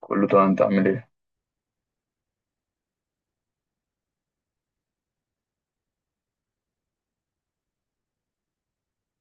كله تمام، انت عامل ايه؟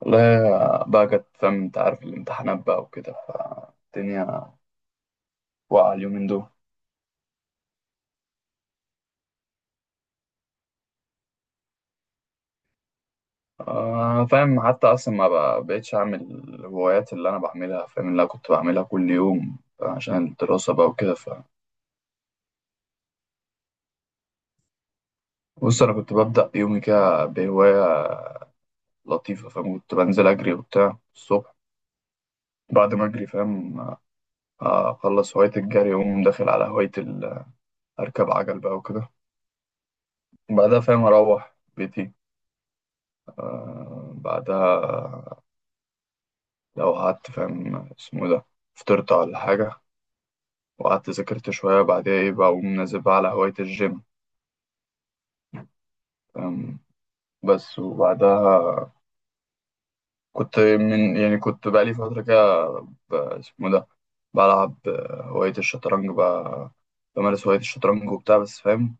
والله. بقى كانت، فاهم، انت عارف الامتحانات بقى وكده، الدنيا واقعة اليومين دول. آه، فاهم. حتى اصلا ما بقى- بقتش اعمل الهوايات اللي انا بعملها، فاهم، اللي انا كنت بعملها كل يوم عشان الدراسة بقى وكده، ف بص انا كنت ببدأ يومي كده بهواية لطيفة، فاهم، كنت بنزل اجري وبتاع الصبح. بعد ما اجري، فاهم، اخلص هواية الجري اقوم داخل على اركب عجل بقى وكده. بعدها، فاهم، اروح بيتي. بعدها لو قعدت، فاهم، اسمه إيه ده فطرت ولا حاجة وقعدت ذاكرت شوية وبعديها إيه بقى، أقوم نازل بقى على هواية الجيم، فاهم، بس. وبعدها كنت يعني كنت بقالي فترة كده ب- اسمه إيه ده بلعب، هواية الشطرنج بقى. بمارس هواية الشطرنج وبتاع، بس فاهم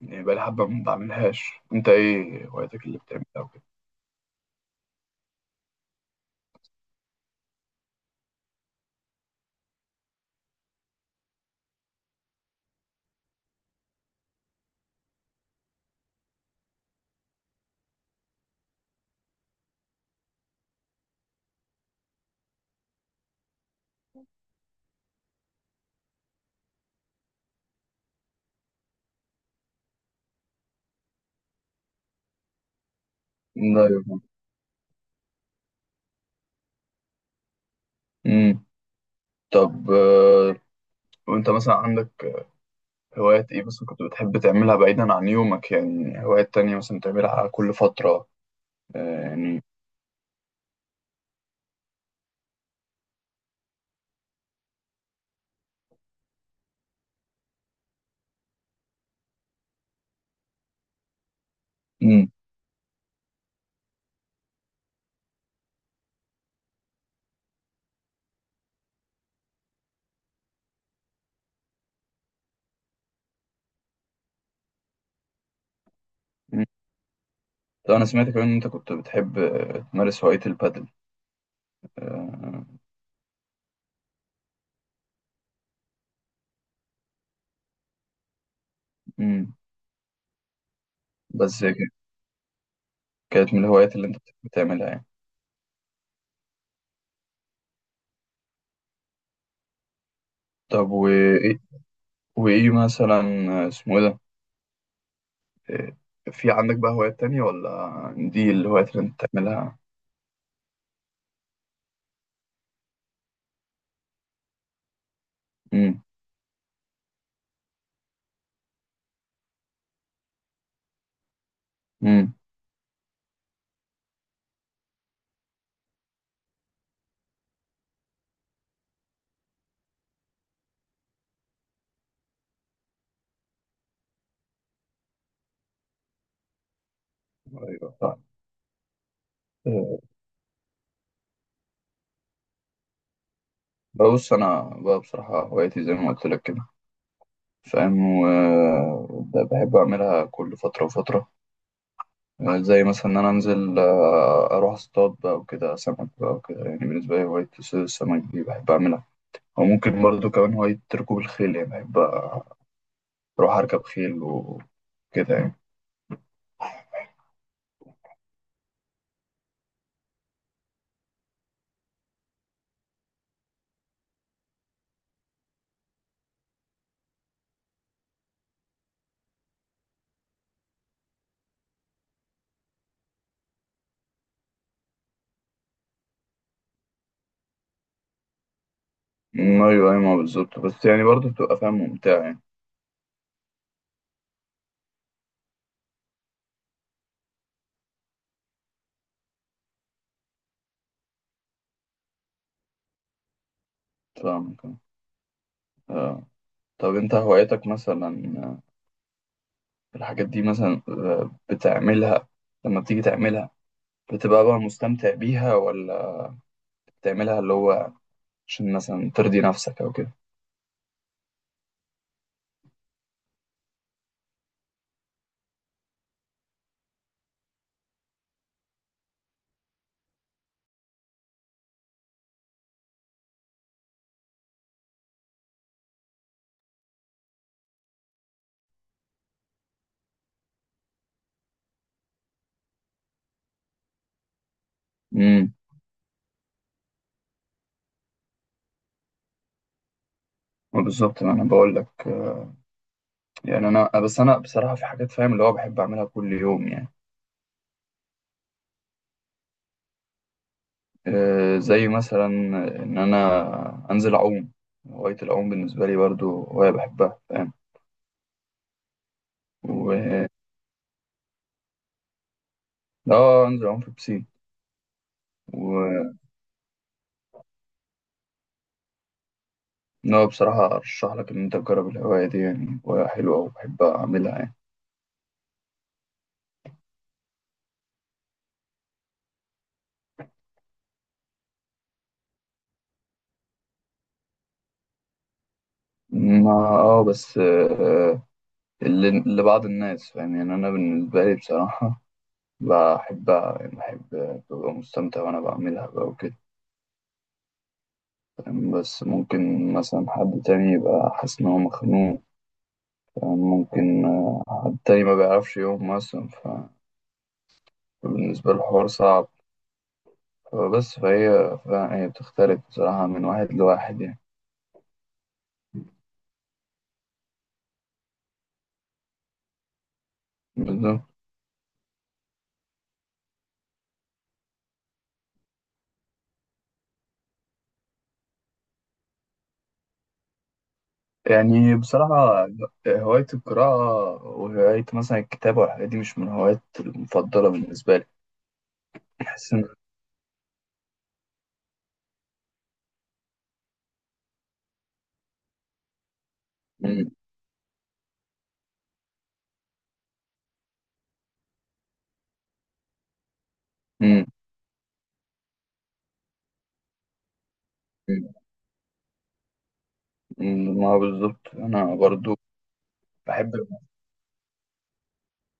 يعني بقالي حبة ما بعملهاش. أنت إيه هوايتك اللي بتعملها وكده؟ أيوة. أمم. طب، وأنت مثلا عندك هوايات إيه مثلا كنت بتحب تعملها بعيدا عن يومك؟ يعني هوايات تانية مثلا بتعملها كل فترة؟ يعني. مم. مم. طب أنا سمعت كمان إن أنت كنت بتحب تمارس هواية البادل. آه. مم. بس كانت من الهوايات اللي أنت بتحب تعملها يعني. طب وإيه وإيه مثلا. آه، اسمه إيه ده؟ آه، في عندك بقى هوايات تانية ولا دي الهوايات اللي أنت بتعملها؟ مم. مم. أيوه صح. آه. بص أنا بقى بصراحة هوايتي زي ما قلت لك كده، فاهم، وبحب أعملها كل فترة وفترة. زي مثلا إن أنا أنزل، أروح أصطاد بقى وكده، سمك بقى وكده. يعني بالنسبة لي هواية صيد السمك دي بحب أعملها. وممكن برضه كمان هواية ركوب الخيل، يعني بحب أروح أركب خيل وكده يعني. أيوة، أيوة، ما بالظبط. بس يعني برضه بتبقى، فاهم، ممتعة يعني. فاهم كده. آه. طب أنت هوايتك مثلا، الحاجات دي مثلا، بتعملها لما بتيجي تعملها بتبقى بقى مستمتع بيها، ولا بتعملها اللي هو عشان مثلا ترضي نفسك او كده؟ امم. بالظبط، ما انا بقول لك. يعني انا، بس انا بصراحه في حاجات، فاهم، اللي هو بحب اعملها كل يوم يعني. زي مثلا ان انا انزل اعوم. هوايه العوم بالنسبه لي برضو هوايه بحبها، فاهم. و اه، انزل اعوم في البسين. و لا، بصراحه ارشح لك ان انت تجرب الهوايه دي، يعني هوايه حلوه وبحب اعملها يعني. ما بس اللي لبعض الناس، فاهم، يعني انا بالنسبه لي بصراحه بحبها. يعني بحب، ببقى مستمتع وأنا بعملها بقى وكده. فاهم؟ بس ممكن مثلا حد تاني يبقى حاسس إن هو مخنوق. فاهم؟ ممكن حد تاني ما بيعرفش يقوم مثلا، فبالنسبة له الحوار صعب. فبس فهي بتختلف بصراحة من واحد لواحد يعني. بالظبط. يعني بصراحة هواية القراءة وهواية مثلا الكتابة والحاجات دي مش من الهوايات المفضلة بالنسبة لي. بحس إن. مم. مم. مم. ما هو بالظبط. أنا برضو بحب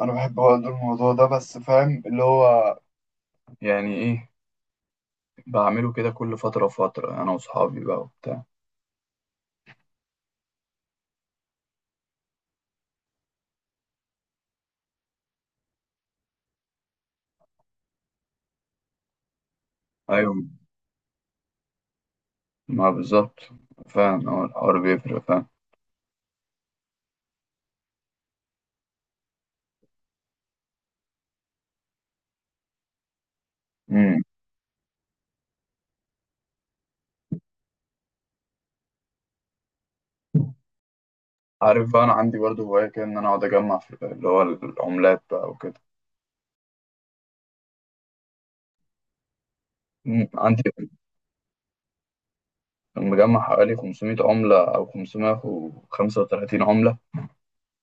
انا بحب برضه الموضوع ده، بس فاهم اللي هو يعني ايه، بعمله كده كل فترة وفترة انا واصحابي بقى وبتاع. ايوه، ما بالظبط، فاهم. هو الحوار بيفرق، فاهم. امم. عارف بقى، انا عندي برضه هواية كده ان انا اقعد اجمع في اللي هو العملات بقى وكده. عندي مجمع حوالي 500 عملة أو 535 عملة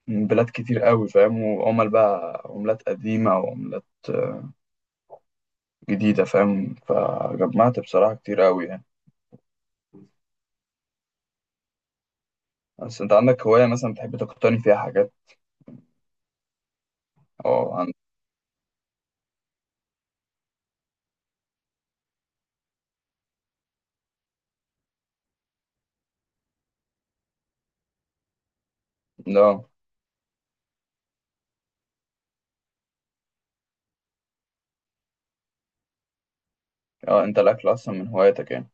من بلاد كتير قوي، فاهم. وعمل بقى عملات قديمة وعملات جديدة فاهم، فجمعت بصراحة كتير قوي يعني. بس انت عندك هواية مثلا بتحب تقتني فيها حاجات؟ اه، لا. اه انت الاكل اصلا من هواياتك يعني؟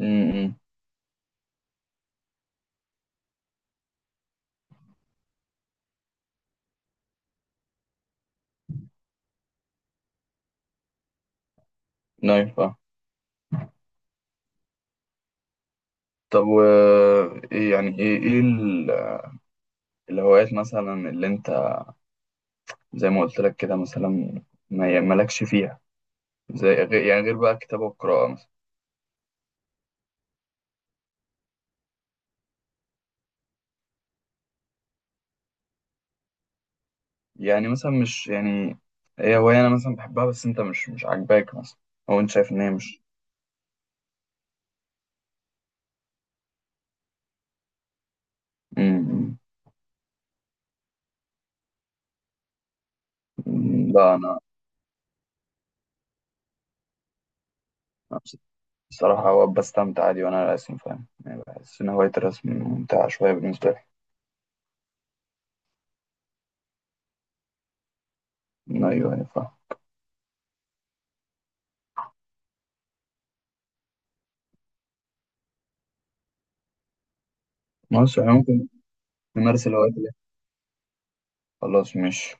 امم. نايف اه. طب و ايه يعني ايه الهوايات مثلا اللي انت زي ما قلت لك كده مثلا ما مالكش فيها، زي غير يعني غير بقى الكتابة والقراءة مثلا؟ يعني مثلا مش يعني هي هواية انا مثلا بحبها، بس انت مش عاجباك مثلا. او انت شايف ان هي مش. امم. لا، انا الصراحة هو بستمتع عادي وأنا راسم، فاهم. يعني بحس إن هواية الرسم ممتعة شوية بالنسبة لي. أيوه، أيوه، فاهم. مصر إحنا ممكن نمارس الهوايات دي. خلاص مش.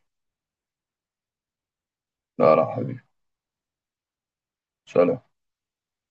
لا، لا، حبيبي. سلام.